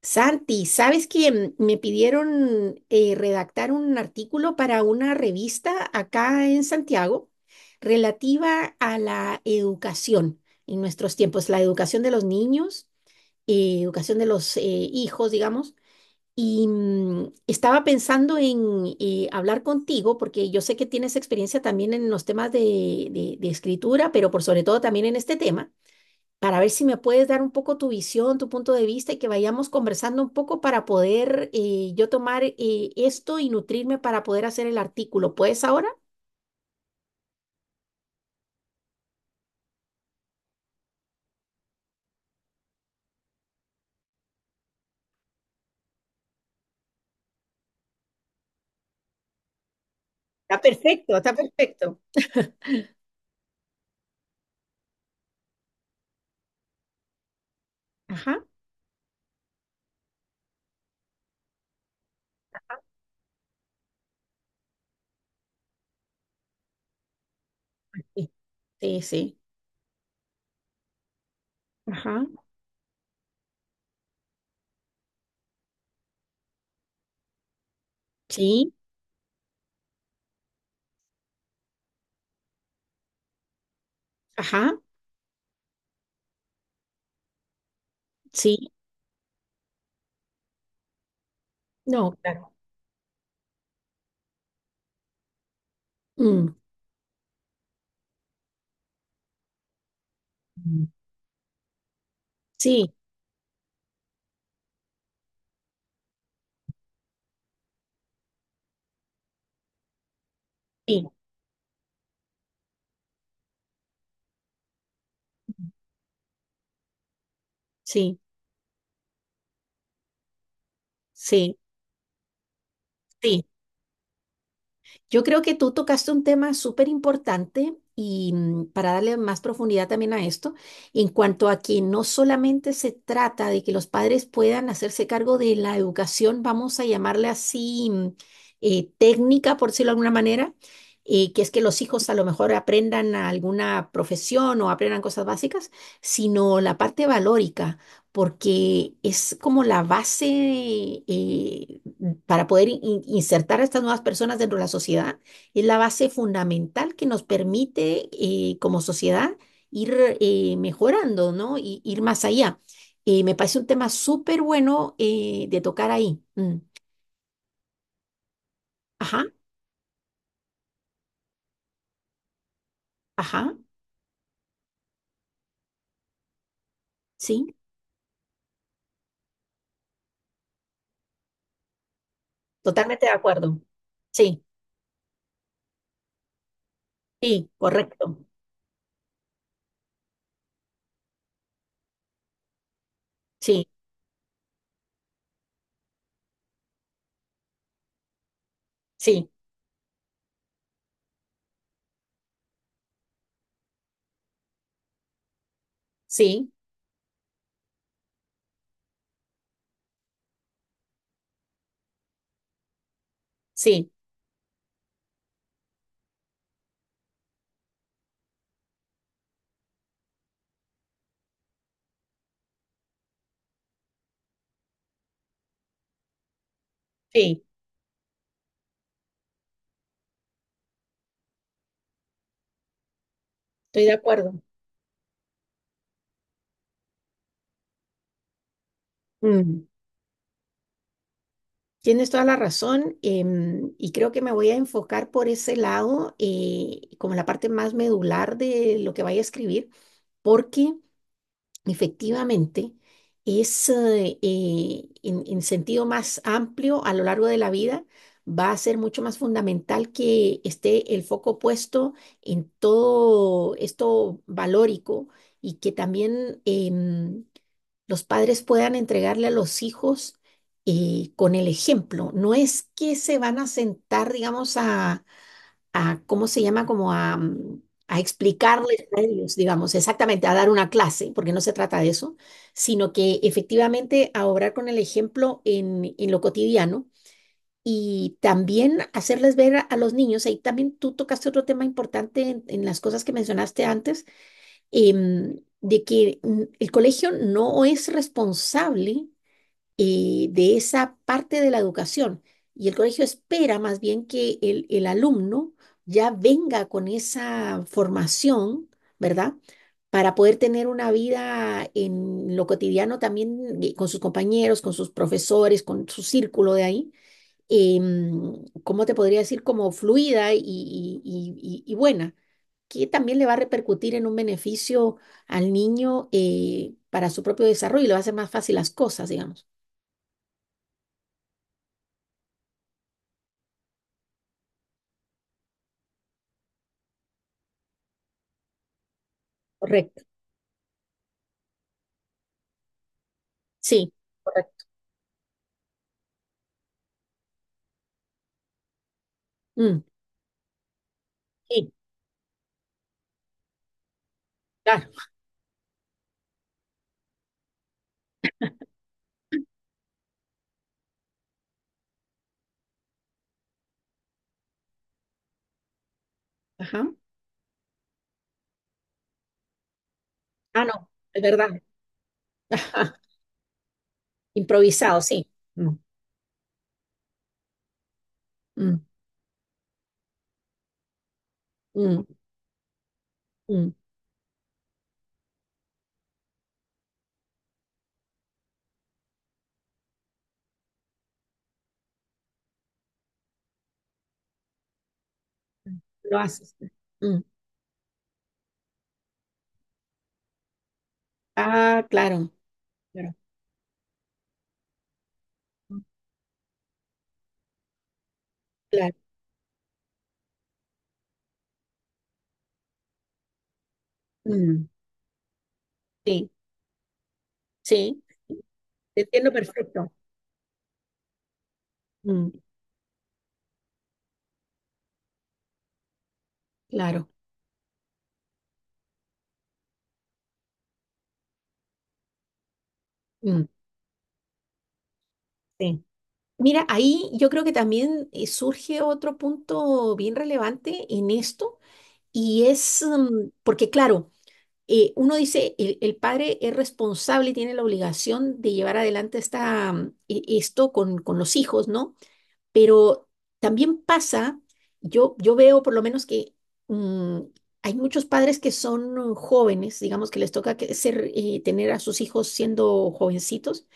Santi, ¿sabes que me pidieron redactar un artículo para una revista acá en Santiago relativa a la educación en nuestros tiempos, la educación de los niños, educación de los hijos, ¿digamos? Y estaba pensando en hablar contigo porque yo sé que tienes experiencia también en los temas de, de escritura, pero por sobre todo también en este tema para ver si me puedes dar un poco tu visión, tu punto de vista y que vayamos conversando un poco para poder yo tomar esto y nutrirme para poder hacer el artículo. ¿Puedes ahora? Está perfecto, está perfecto. Ajá. Sí, sí, sí. Ajá. Sí. Ajá. Sí. No, claro. Mm. Mm. Sí, sí, sí, sí, sí. Yo creo que tú tocaste un tema súper importante y, para darle más profundidad también a esto, en cuanto a que no solamente se trata de que los padres puedan hacerse cargo de la educación, vamos a llamarle así, técnica, por decirlo de alguna manera, que es que los hijos a lo mejor aprendan alguna profesión o aprendan cosas básicas, sino la parte valórica, porque es como la base, eh, para poder insertar a estas nuevas personas dentro de la sociedad, es la base fundamental que nos permite, como sociedad, ir mejorando, ¿no? Y ir más allá. Me parece un tema súper bueno de tocar ahí. Mm. Ajá, ajá, sí, totalmente de acuerdo. Sí, sí, correcto. Sí, sí, sí, sí, sí, estoy de acuerdo. Mm. Tienes toda la razón, y creo que me voy a enfocar por ese lado, como la parte más medular de lo que vaya a escribir, porque, efectivamente, es, en sentido más amplio a lo largo de la vida, va a ser mucho más fundamental que esté el foco puesto en todo esto valórico y que también, los padres puedan entregarle a los hijos, con el ejemplo. No es que se van a sentar, digamos, a, ¿cómo se llama? Como a, a explicarles a ellos, digamos, exactamente, a dar una clase, porque no se trata de eso, sino que efectivamente a obrar con el ejemplo en lo cotidiano y también hacerles ver a los niños. Ahí también tú tocaste otro tema importante en las cosas que mencionaste antes, de que, el colegio no es responsable de esa parte de la educación. Y el colegio espera más bien que el alumno ya venga con esa formación, ¿verdad? Para poder tener una vida en lo cotidiano también, con sus compañeros, con sus profesores, con su círculo de ahí, ¿cómo te podría decir? Como fluida y, y buena, que también le va a repercutir en un beneficio al niño, para su propio desarrollo y le va a hacer más fácil las cosas, digamos. Correcto. Sí, correcto. Mm, sí, claro. Ajá. Ah, no, es verdad. Ajá. Improvisado, sí. Mm, mm, mm, mm. Lo haces. Mm. Ah, claro, claro, mm, claro. Mm, sí, sí, te entiendo perfecto. Mm, claro. Mm, sí. Mira, ahí yo creo que también, surge otro punto bien relevante en esto y es, porque claro, uno dice, el padre es responsable y tiene la obligación de llevar adelante esta, esto con los hijos, ¿no? Pero también pasa, yo veo por lo menos que, mm, hay muchos padres que son jóvenes, digamos que les toca que ser, tener a sus hijos siendo jovencitos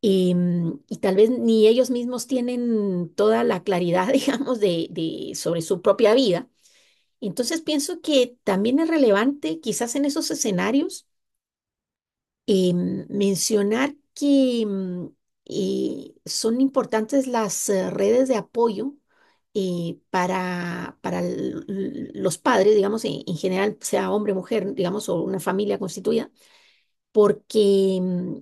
y, y tal vez ni ellos mismos tienen toda la claridad, digamos, de, sobre su propia vida. Entonces pienso que también es relevante quizás en esos escenarios, eh, mencionar que, son importantes las redes de apoyo, para los padres, digamos, en general, sea hombre, mujer, digamos, o una familia constituida, porque,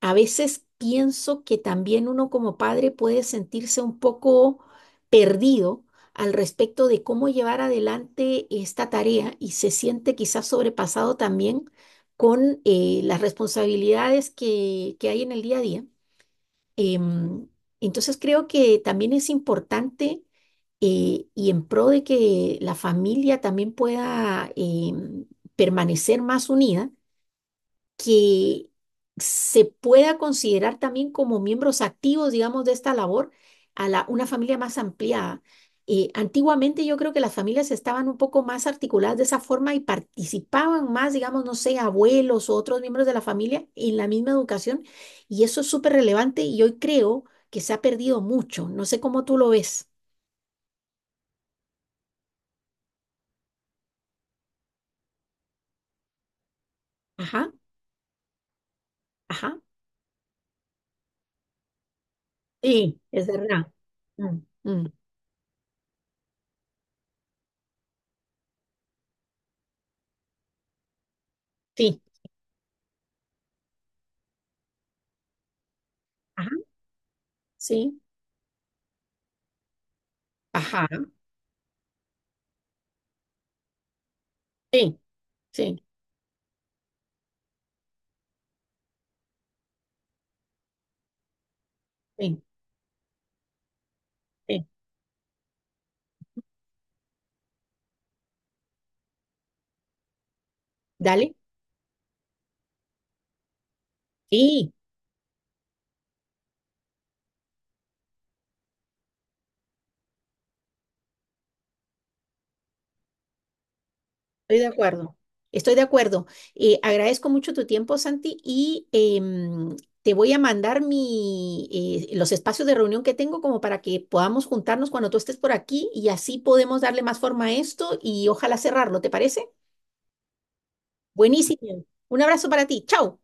a veces pienso que también uno como padre puede sentirse un poco perdido al respecto de cómo llevar adelante esta tarea y se siente quizás sobrepasado también con, las responsabilidades que hay en el día a día. Em, entonces creo que también es importante, y en pro de que la familia también pueda, em, permanecer más unida, que se pueda considerar también como miembros activos, digamos, de esta labor, a la, una familia más ampliada. Antiguamente yo creo que las familias estaban un poco más articuladas de esa forma y participaban más, digamos, no sé, abuelos o otros miembros de la familia en la misma educación, y eso es súper relevante y hoy creo que se ha perdido mucho. No sé cómo tú lo ves. Ajá, ajá. Sí, es verdad. Mm, mm, sí, ajá, sí, ajá, sí, sí, sí, sí. Dale, sí, estoy de acuerdo. Estoy de acuerdo. Agradezco mucho tu tiempo, Santi, y, em, te voy a mandar mi, los espacios de reunión que tengo como para que podamos juntarnos cuando tú estés por aquí y así podemos darle más forma a esto y ojalá cerrarlo, ¿te parece? Buenísimo. Un abrazo para ti. Chao.